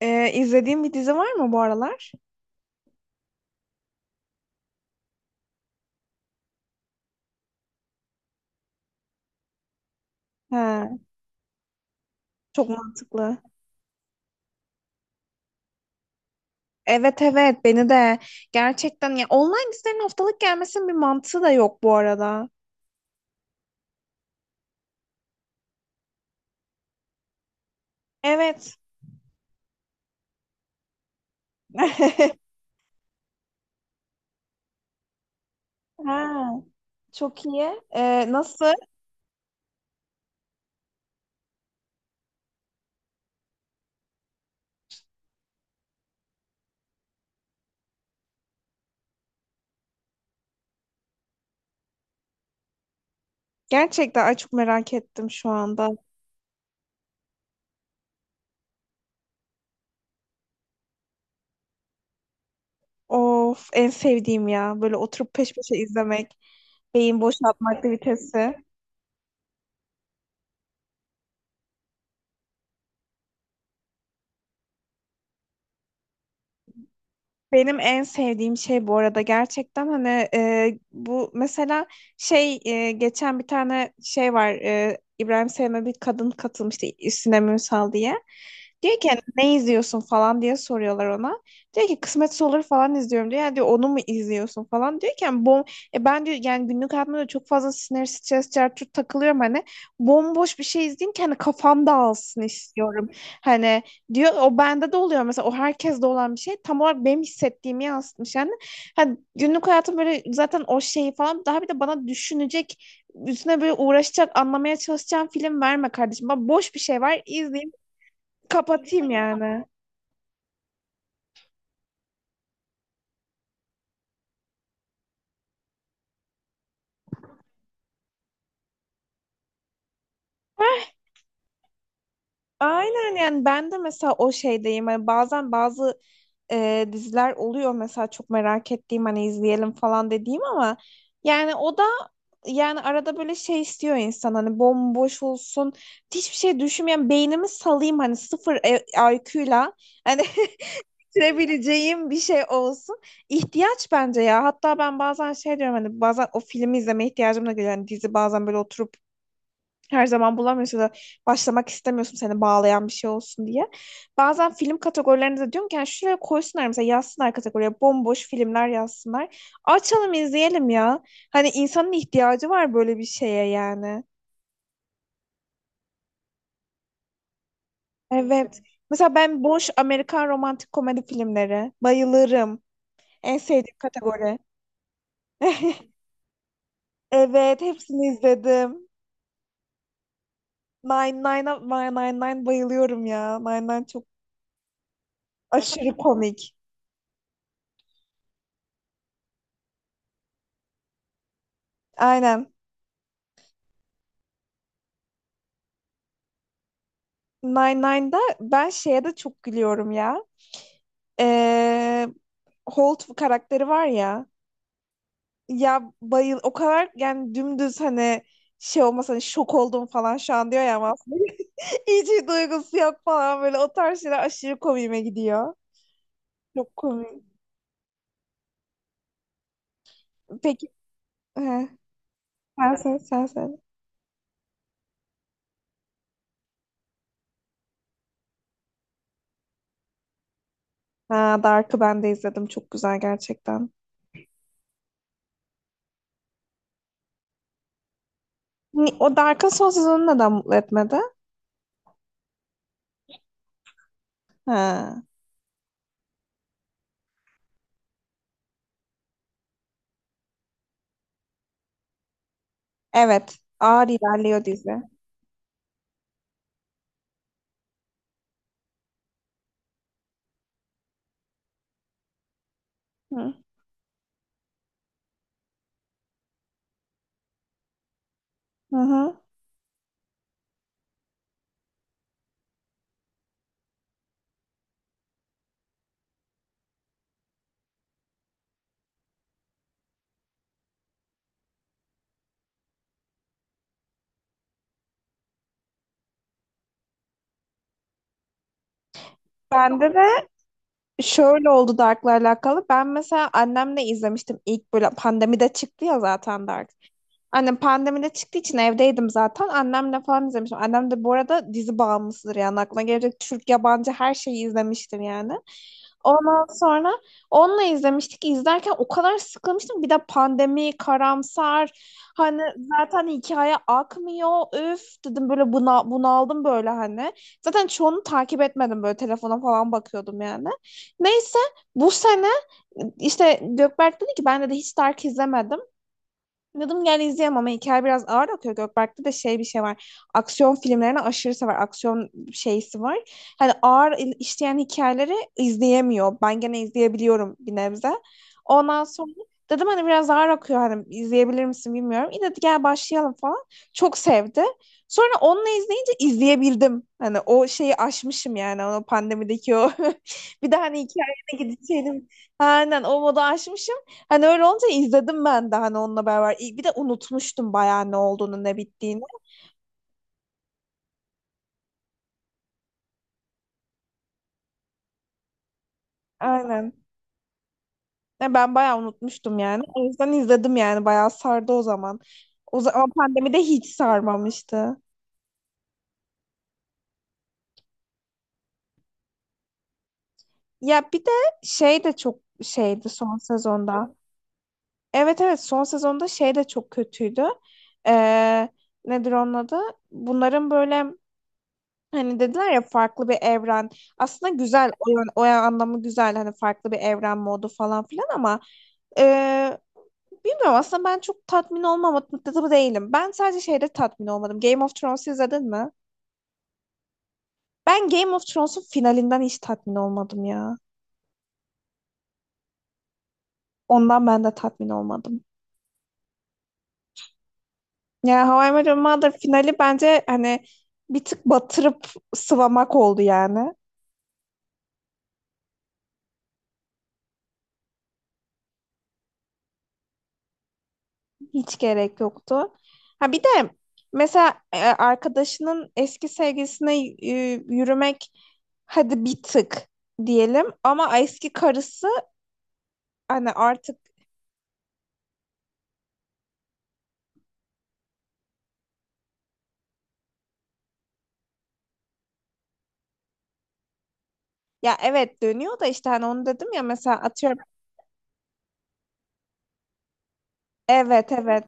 İzlediğin bir dizi var mı bu aralar? He, çok mantıklı. Evet, evet, beni de gerçekten ya, online dizilerin haftalık gelmesinin bir mantığı da yok bu arada. Evet. Ha, çok iyi. Nasıl? Gerçekten, ay çok merak ettim şu anda. Of, en sevdiğim ya böyle oturup peş peşe izlemek, beyin boşaltma aktivitesi. Benim en sevdiğim şey bu arada, gerçekten hani bu mesela şey geçen bir tane şey var İbrahim Sayın'a bir kadın katılmıştı, Sinem Ünsal diye. Diyor ki hani, ne izliyorsun falan diye soruyorlar ona. Diyor ki kısmetse olur falan izliyorum diyor. Yani diyor, onu mu izliyorsun falan diyor ki yani, bom e ben diyor, yani günlük hayatımda da çok fazla sinir, stres, çarçur takılıyorum hani. Bomboş bir şey izleyeyim ki hani kafam dağılsın istiyorum. Hani diyor, o bende de oluyor, mesela o herkeste olan bir şey, tam olarak benim hissettiğimi yansıtmış yani. Hani günlük hayatım böyle zaten, o şeyi falan daha bir de bana düşünecek, üstüne böyle uğraşacak, anlamaya çalışacağım film verme kardeşim. Bak, boş bir şey var, izleyeyim, kapatayım yani. Heh, aynen yani, ben de mesela o şeydeyim. Hani bazen bazı diziler oluyor mesela, çok merak ettiğim hani izleyelim falan dediğim ama yani o da, yani arada böyle şey istiyor insan, hani bomboş olsun, hiçbir şey düşünmeyen beynimi salayım, hani sıfır IQ'yla hani bitirebileceğim bir şey olsun. İhtiyaç bence ya, hatta ben bazen şey diyorum, hani bazen o filmi izleme ihtiyacım da geliyor. Hani dizi bazen böyle oturup, her zaman bulamıyorsun da, başlamak istemiyorsun, seni bağlayan bir şey olsun diye. Bazen film kategorilerinde de diyorum ki, yani şuraya koysunlar, mesela yazsınlar kategoriye, bomboş filmler yazsınlar. Açalım izleyelim ya. Hani insanın ihtiyacı var böyle bir şeye yani. Evet. Mesela ben boş Amerikan romantik komedi filmleri bayılırım. En sevdiğim kategori. Evet, hepsini izledim. Nine nine Nine Nine Nine bayılıyorum ya. Nine Nine çok aşırı komik. Aynen. Nine-Nine'da ben şeye de çok gülüyorum ya. Ee, Holt karakteri var ya. Ya bayıl, o kadar yani, dümdüz hani, şey olmasa hani şok oldum falan şu an diyor ya, ama aslında hiç bir duygusu yok falan, böyle o tarz şeyler aşırı komiğime gidiyor. Çok komik. Peki he, sen sen sen sen. Ha, Dark'ı ben de izledim. Çok güzel gerçekten. O Dark'ın son sezonu neden mutlu etmedi? Ha. Evet. Ağır ilerliyor dizi. Hı. Hı hı. Bende de şöyle oldu Dark'la alakalı. Ben mesela annemle izlemiştim, ilk böyle pandemide çıktı ya zaten Dark. Annem pandemide çıktığı için evdeydim zaten. Annemle falan izlemiştim. Annem de bu arada dizi bağımlısıdır yani. Aklına gelecek Türk, yabancı her şeyi izlemiştir yani. Ondan sonra onunla izlemiştik. İzlerken o kadar sıkılmıştım. Bir de pandemi, karamsar. Hani zaten hikaye akmıyor. Üf dedim böyle buna, bunaldım böyle hani. Zaten çoğunu takip etmedim, böyle telefona falan bakıyordum yani. Neyse, bu sene işte Gökberk dedi ki, ben de hiç Dark izlemedim. Yadım, gel izleyemem ama hikaye biraz ağır akıyor. Gökberk'te de şey bir şey var. Aksiyon filmlerini aşırı sever. Aksiyon şeysi var. Hani ağır işleyen hikayeleri izleyemiyor. Ben gene izleyebiliyorum bir nebze. Ondan sonra dedim hani biraz ağır akıyor, hani izleyebilir misin bilmiyorum. İyi dedi, gel başlayalım falan. Çok sevdi. Sonra onunla izleyince izleyebildim. Hani o şeyi aşmışım yani, o pandemideki o. Bir de hani hikayene gideceğim. Aynen, o modu aşmışım. Hani öyle olunca izledim ben de, hani onunla beraber. Bir de unutmuştum bayağı, ne olduğunu ne bittiğini. Aynen. Ya ben bayağı unutmuştum yani. O yüzden izledim yani, bayağı sardı o zaman. O zaman pandemide hiç sarmamıştı. Ya bir de şey de çok şeydi son sezonda. Evet, evet, son sezonda şey de çok kötüydü. Ee, Nedir onun adı? Bunların böyle hani dediler ya, farklı bir evren. Aslında güzel o, o anlamı güzel hani, farklı bir evren modu falan filan ama Ee, bilmiyorum, aslında ben çok tatmin olmadım değilim. Ben sadece şeyde tatmin olmadım. Game of Thrones izledin mi? Ben Game of Thrones'un finalinden hiç tatmin olmadım ya. Ondan ben de tatmin olmadım. Yani How I Met Your Mother finali bence hani bir tık batırıp sıvamak oldu yani. Hiç gerek yoktu. Ha, bir de mesela arkadaşının eski sevgilisine yürümek, hadi bir tık diyelim, ama eski karısı hani artık. Ya evet, dönüyor da işte hani, onu dedim ya mesela, atıyorum. Evet, evet.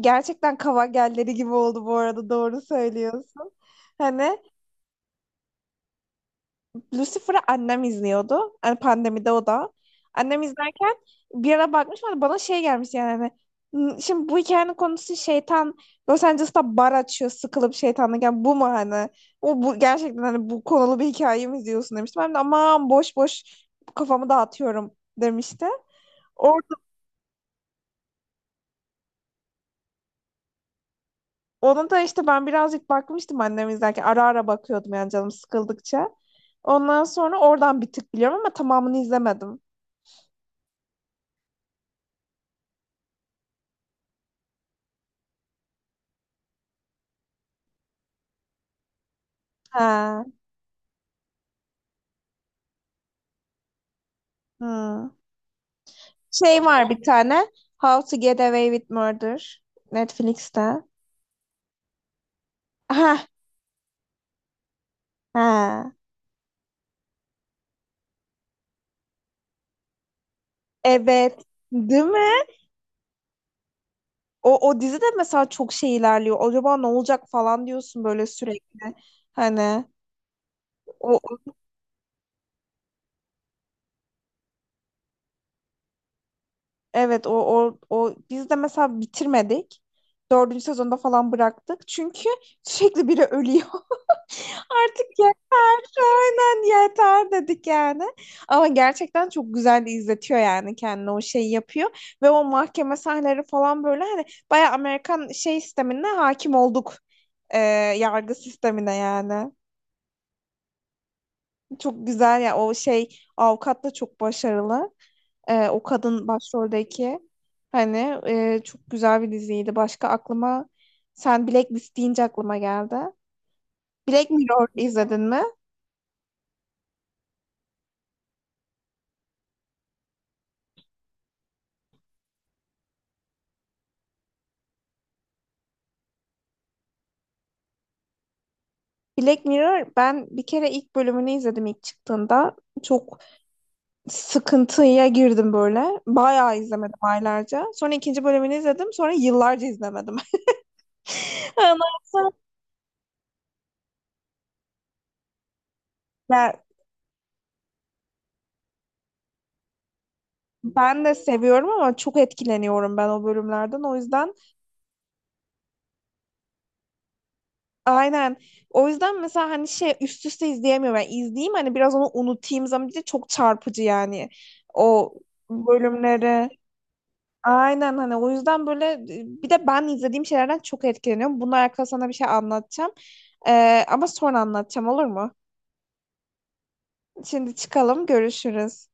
Gerçekten Kavagelleri gibi oldu bu arada, doğru söylüyorsun. Hani. Lucifer'ı annem izliyordu. Hani pandemide o da. Annem izlerken bir ara bakmış, bana şey gelmiş yani hani, Şimdi bu hikayenin konusu şeytan Los Angeles'ta bar açıyor, sıkılıp şeytanlık. Yani bu mu hani? O bu gerçekten, hani bu konulu bir hikaye mi izliyorsun" demiştim. Ben de, "aman, boş boş kafamı dağıtıyorum" demişti. O Onu da işte ben birazcık bakmıştım annem izlerken. Ara ara bakıyordum yani, canım sıkıldıkça. Ondan sonra oradan bir tık biliyorum ama tamamını izlemedim. Ha. Hmm. Şey var bir tane. How to Get Away with Murder. Netflix'te. Ha. Ha. Evet. Değil mi? O dizi de mesela çok şey ilerliyor. Acaba ne olacak falan diyorsun böyle sürekli. Hani o. Evet, o biz de mesela bitirmedik. Dördüncü sezonda falan bıraktık. Çünkü sürekli biri ölüyor. Artık yani, aynen, yeter dedik yani. Ama gerçekten çok güzel de izletiyor yani kendini, o şeyi yapıyor. Ve o mahkeme sahneleri falan böyle hani, bayağı Amerikan şey sistemine hakim olduk. Ee, Yargı sistemine yani. Çok güzel ya o şey, avukat da çok başarılı. O kadın başroldeki hani, çok güzel bir diziydi. Başka aklıma, sen Blacklist deyince aklıma geldi. Black Mirror izledin mi? Black Mirror, ben bir kere ilk bölümünü izledim ilk çıktığında. Çok sıkıntıya girdim böyle. Bayağı izlemedim aylarca. Sonra ikinci bölümünü izledim. Sonra yıllarca izlemedim. Ondan sonra— Ya ben de seviyorum ama çok etkileniyorum ben o bölümlerden. O yüzden. Aynen. O yüzden mesela hani şey üst üste izleyemiyorum. Yani izleyeyim hani biraz onu unutayım zaman diye, çok çarpıcı yani o bölümleri. Aynen hani, o yüzden böyle bir de ben izlediğim şeylerden çok etkileniyorum. Bununla alakalı sana bir şey anlatacağım. Ama sonra anlatacağım, olur mu? Şimdi çıkalım, görüşürüz.